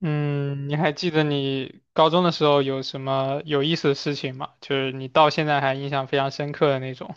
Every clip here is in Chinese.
嗯，你还记得你高中的时候有什么有意思的事情吗？就是你到现在还印象非常深刻的那种。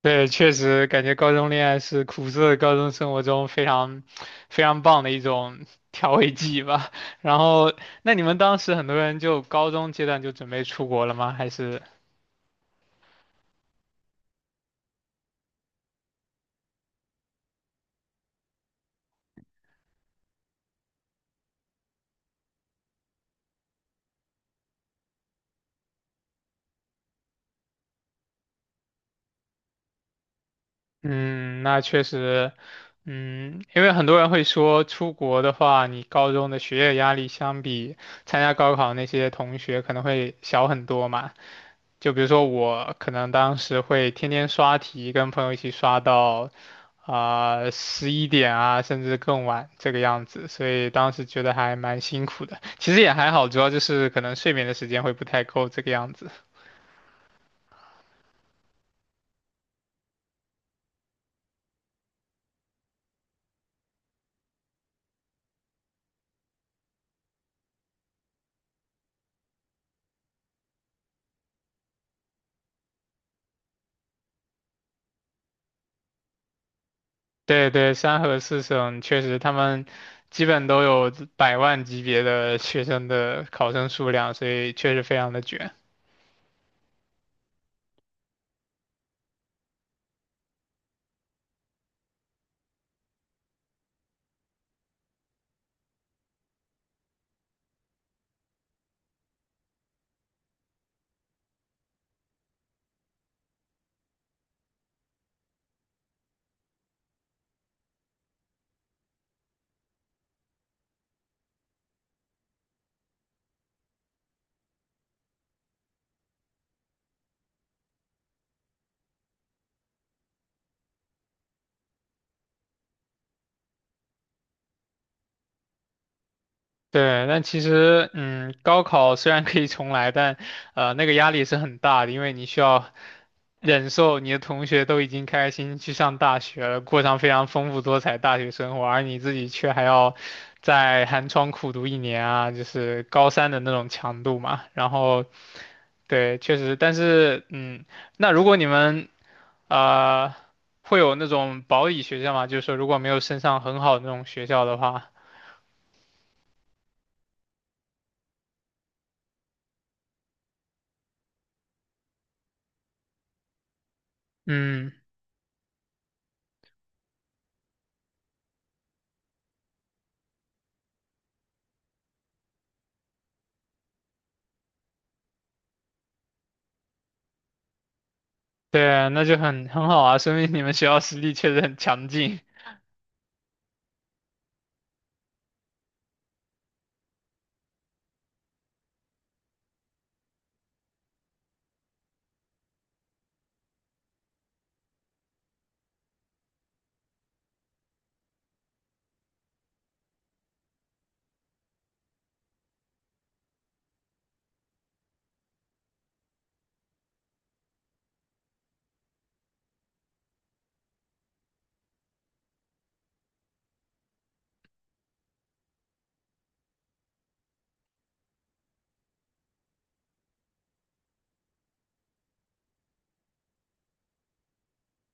对，确实感觉高中恋爱是苦涩的高中生活中非常非常棒的一种 调味剂吧。然后，那你们当时很多人就高中阶段就准备出国了吗？还是？嗯，那确实。因为很多人会说出国的话，你高中的学业压力相比参加高考那些同学可能会小很多嘛。就比如说我可能当时会天天刷题，跟朋友一起刷到啊11点啊，甚至更晚这个样子，所以当时觉得还蛮辛苦的。其实也还好，主要就是可能睡眠的时间会不太够这个样子。对对，三河四省确实他们基本都有百万级别的学生的考生数量，所以确实非常的卷。对，但其实，高考虽然可以重来，但，那个压力是很大的，因为你需要忍受你的同学都已经开心心去上大学了，过上非常丰富多彩大学生活，而你自己却还要在寒窗苦读一年啊，就是高三的那种强度嘛。然后对，确实，但是，那如果你们呃会有那种保底学校嘛，就是说如果没有升上很好的那种学校的话。嗯，对，那就很好啊，说明你们学校实力确实很强劲。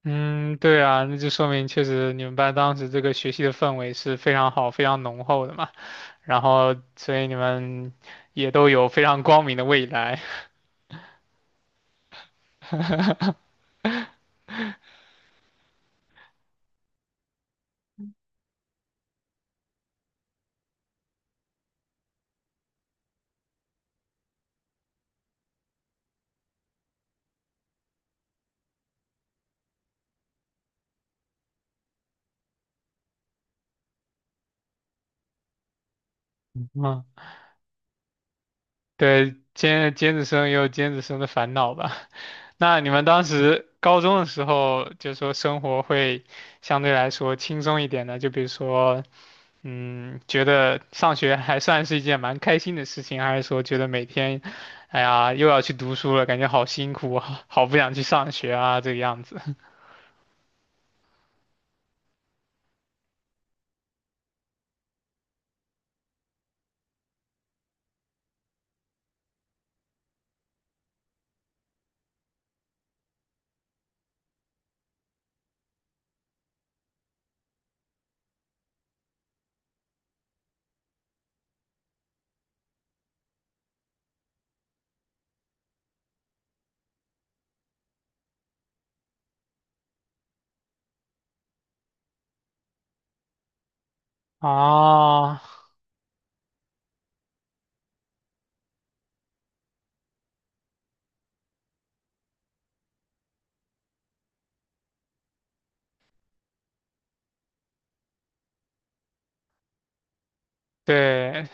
嗯，对啊，那就说明确实你们班当时这个学习的氛围是非常好、非常浓厚的嘛，然后所以你们也都有非常光明的未来。嗯对，尖子生也有尖子生的烦恼吧？那你们当时高中的时候，就说生活会相对来说轻松一点的，就比如说，觉得上学还算是一件蛮开心的事情，还是说觉得每天，哎呀，又要去读书了，感觉好辛苦，好不想去上学啊，这个样子。啊，对，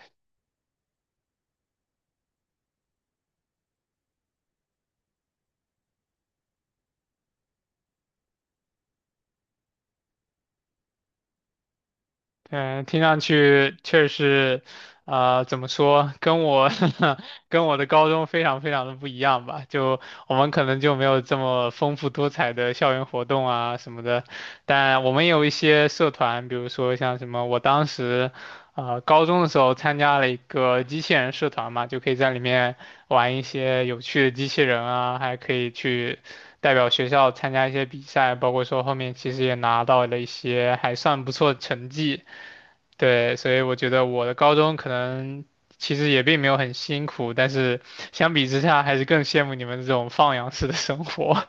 嗯，听上去确实，怎么说，跟我 跟我的高中非常非常的不一样吧？就我们可能就没有这么丰富多彩的校园活动啊什么的，但我们也有一些社团，比如说像什么，我当时，高中的时候参加了一个机器人社团嘛，就可以在里面玩一些有趣的机器人啊，还可以去，代表学校参加一些比赛，包括说后面其实也拿到了一些还算不错的成绩。对，所以我觉得我的高中可能其实也并没有很辛苦，但是相比之下还是更羡慕你们这种放养式的生活。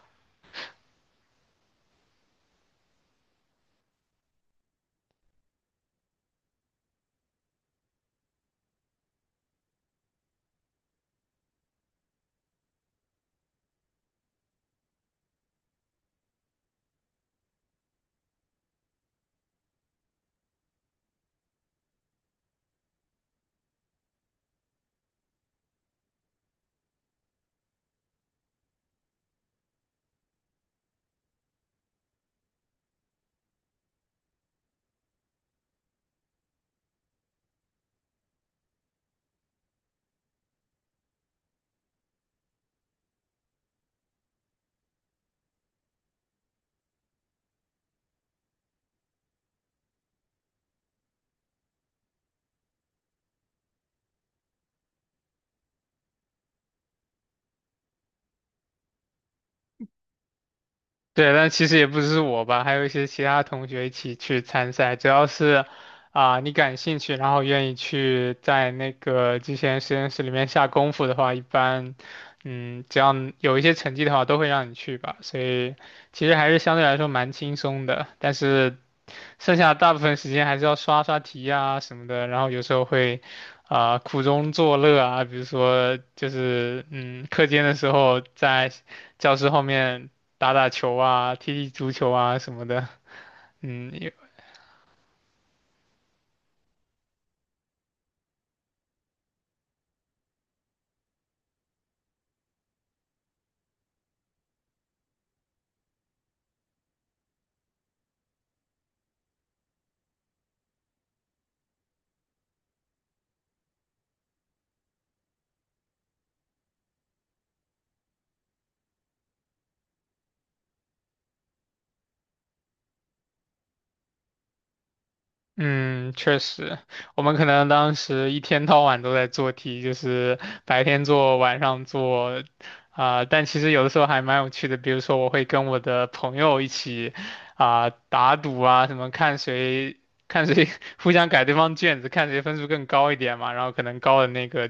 对，但其实也不只是我吧，还有一些其他同学一起去参赛。只要是啊、你感兴趣，然后愿意去在那个机器人实验室里面下功夫的话，一般，只要有一些成绩的话，都会让你去吧。所以其实还是相对来说蛮轻松的，但是剩下大部分时间还是要刷刷题啊什么的，然后有时候会啊、苦中作乐啊，比如说就是课间的时候在教室后面打打球啊，踢踢足球啊什么的。也嗯，确实，我们可能当时一天到晚都在做题，就是白天做，晚上做，啊、但其实有的时候还蛮有趣的。比如说，我会跟我的朋友一起啊、打赌啊，什么看谁 互相改对方卷子，看谁分数更高一点嘛。然后可能高的那个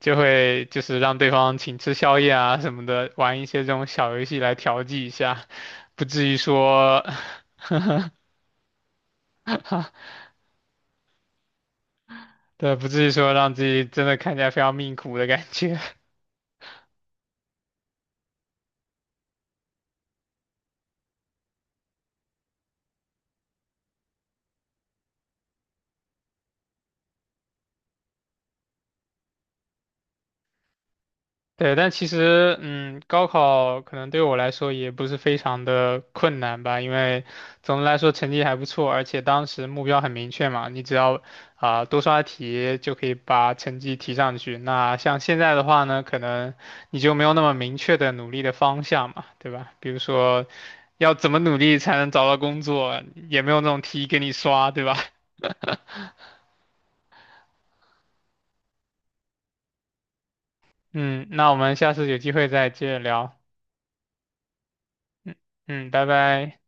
就会就是让对方请吃宵夜啊什么的，玩一些这种小游戏来调剂一下。不至于说，对，不至于说让自己真的看起来非常命苦的感觉。对，但其实，高考可能对我来说也不是非常的困难吧，因为总的来说成绩还不错，而且当时目标很明确嘛，你只要啊、多刷题就可以把成绩提上去。那像现在的话呢，可能你就没有那么明确的努力的方向嘛，对吧？比如说，要怎么努力才能找到工作，也没有那种题给你刷，对吧？嗯，那我们下次有机会再接着聊。嗯，拜拜。